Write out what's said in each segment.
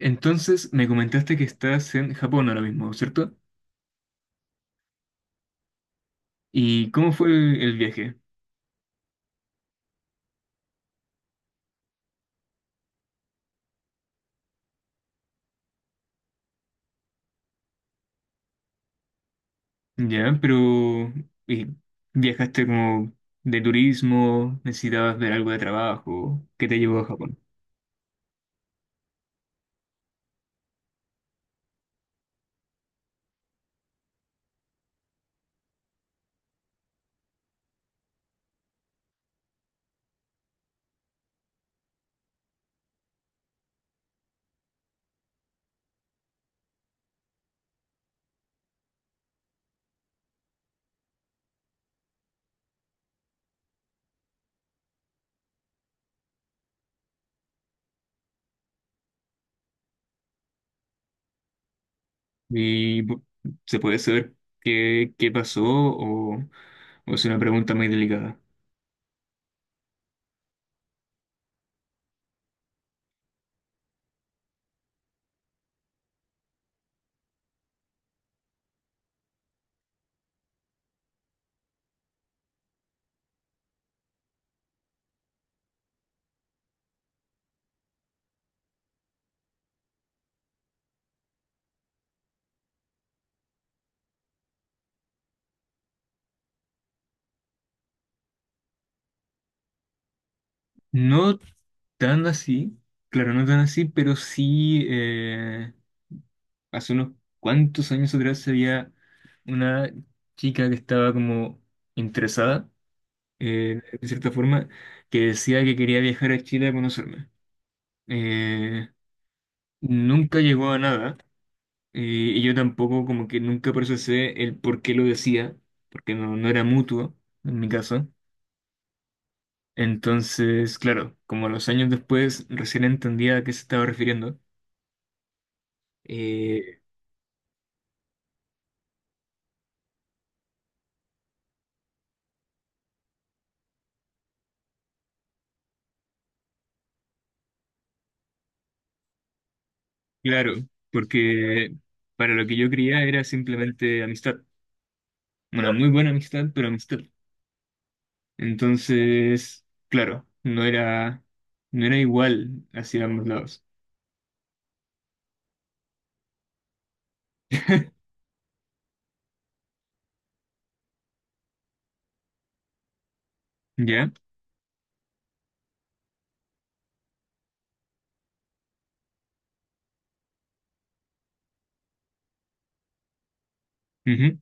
Entonces me comentaste que estás en Japón ahora mismo, ¿cierto? ¿Y cómo fue el viaje? Ya, pero ¿y viajaste como de turismo? ¿Necesitabas ver algo de trabajo? ¿Qué te llevó a Japón? ¿Y bu- ¿Se puede saber qué pasó o es una pregunta muy delicada? No tan así, claro, no tan así, pero sí hace unos cuantos años atrás había una chica que estaba como interesada, de cierta forma, que decía que quería viajar a Chile a conocerme. Eh, Nunca llegó a nada, y yo tampoco como que nunca procesé el por qué lo decía, porque no, no era mutuo en mi caso. Entonces, claro, como a los años después recién entendía a qué se estaba refiriendo. Eh, claro, porque para lo que yo creía era simplemente amistad. Una muy buena amistad, pero amistad. Entonces, claro, no era, no era igual hacia ambos lados. ¿Ya? Ujú.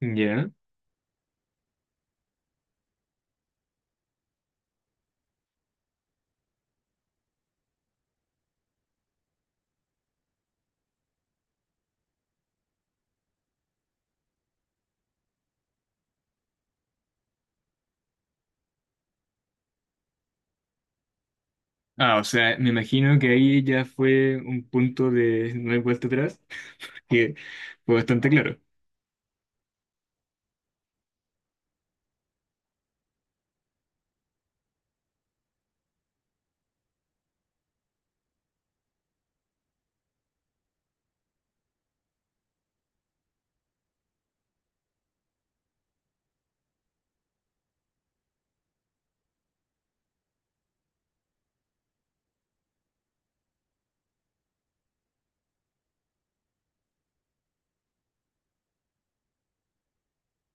¿Ya? Ah, o sea, me imagino que ahí ya fue un punto de no hay vuelta atrás, que fue bastante claro.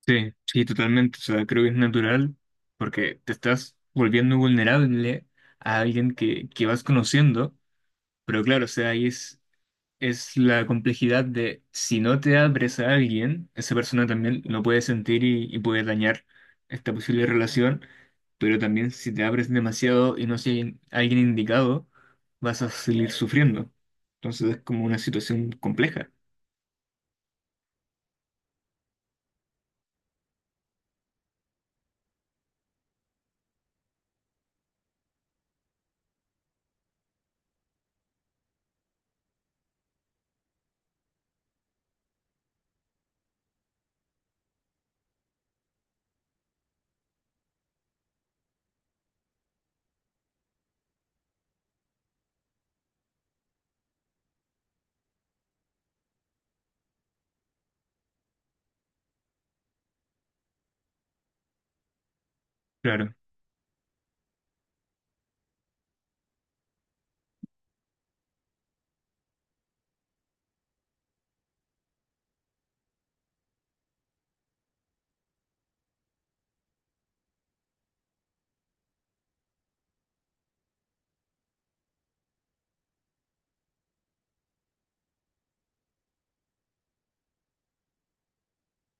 Sí, sí, totalmente. O sea, creo que es natural porque te estás volviendo vulnerable a alguien que vas conociendo, pero claro, o sea, ahí es la complejidad de si no te abres a alguien, esa persona también lo puede sentir y puede dañar esta posible relación, pero también si te abres demasiado y no si hay alguien indicado, vas a seguir sufriendo. Entonces es como una situación compleja. Claro,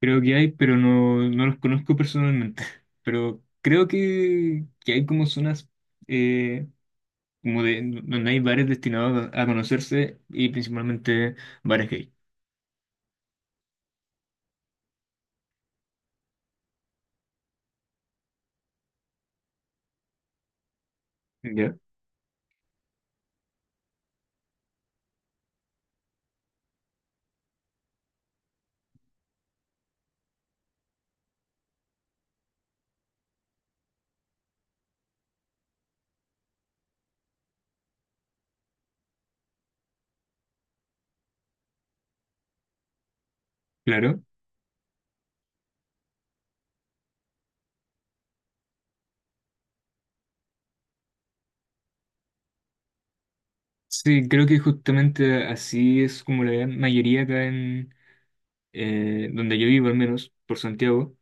creo que hay, pero no, no los conozco personalmente. Pero creo que hay como zonas, eh, como de, donde hay bares destinados a conocerse y principalmente bares gay. Ya, claro. Sí, creo que justamente así es como la gran mayoría acá en, donde yo vivo, al menos, por Santiago,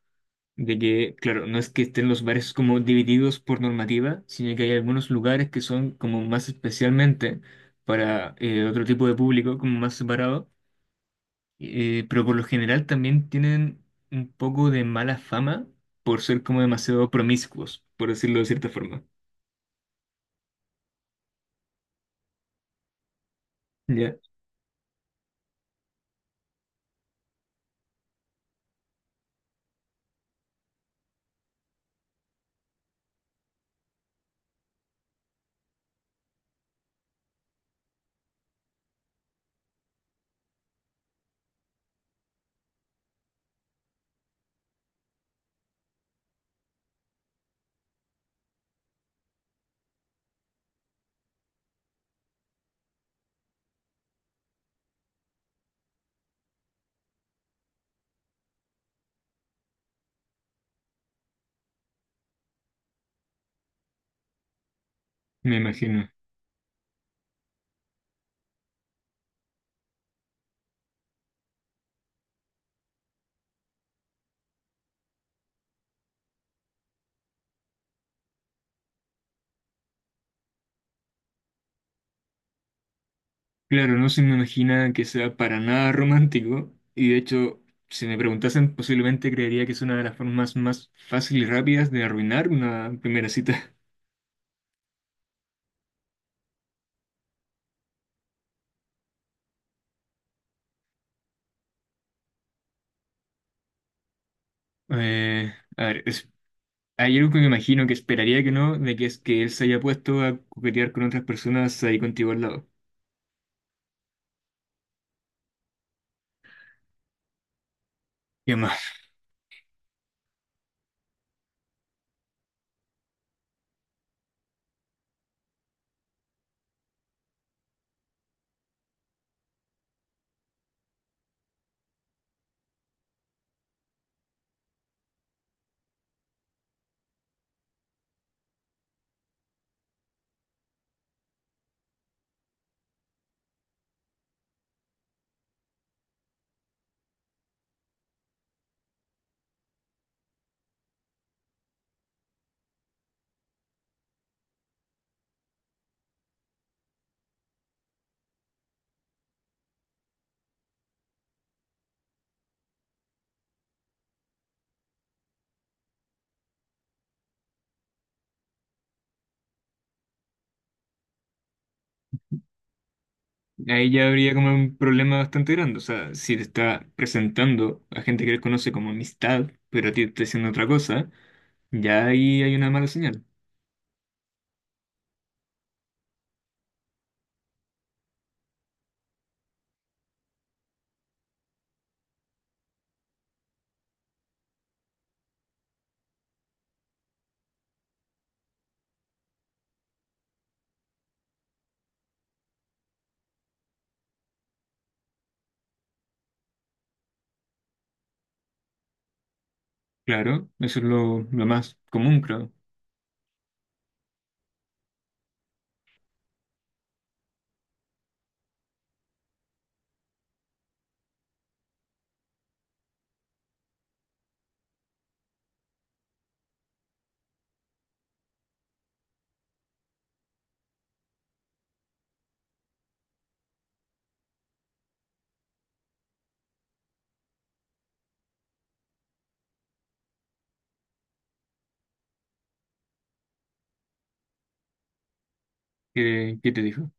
de que, claro, no es que estén los bares como divididos por normativa, sino que hay algunos lugares que son como más especialmente para, otro tipo de público, como más separado, pero por lo general también tienen un poco de mala fama por ser como demasiado promiscuos, por decirlo de cierta forma. Ya, me imagino. Claro, no se me imagina que sea para nada romántico y de hecho, si me preguntasen, posiblemente creería que es una de las formas más fáciles y rápidas de arruinar una primera cita. A ver, hay algo que me imagino que esperaría que no, de que es que él se haya puesto a coquetear con otras personas ahí contigo al lado. Y además, ahí ya habría como un problema bastante grande, o sea, si te está presentando a gente que él conoce como amistad, pero a ti te está diciendo otra cosa, ya ahí hay una mala señal. Claro, eso es lo más común, creo, que te dijo.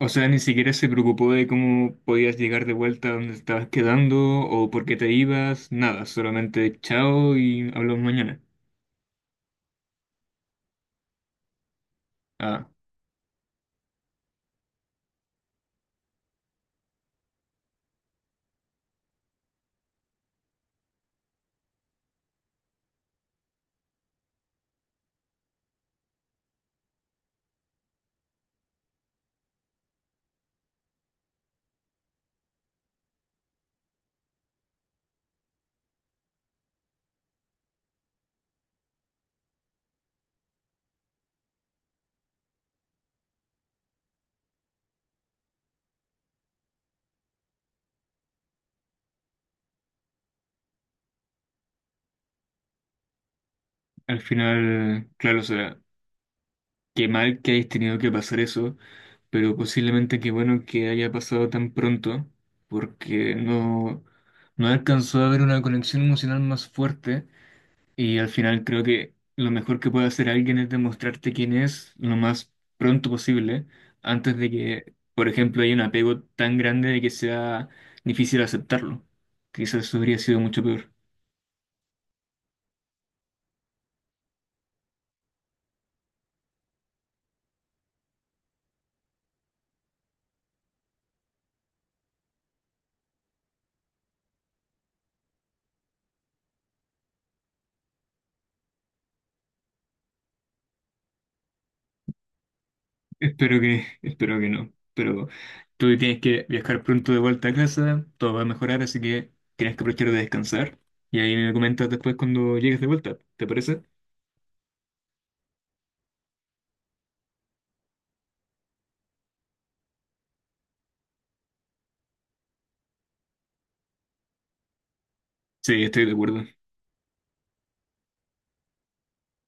O sea, ni siquiera se preocupó de cómo podías llegar de vuelta a donde estabas quedando o por qué te ibas, nada, solamente chao y hablamos mañana. Ah, al final, claro, o sea, qué mal que hayas tenido que pasar eso, pero posiblemente qué bueno que haya pasado tan pronto, porque no, no alcanzó a haber una conexión emocional más fuerte. Y al final creo que lo mejor que puede hacer alguien es demostrarte quién es lo más pronto posible, antes de que, por ejemplo, haya un apego tan grande de que sea difícil aceptarlo. Quizás eso habría sido mucho peor. Espero que, espero que no. Pero tú tienes que viajar pronto de vuelta a casa, todo va a mejorar, así que tienes que aprovechar de descansar. Y ahí me comentas después cuando llegues de vuelta, ¿te parece? Sí, estoy de acuerdo.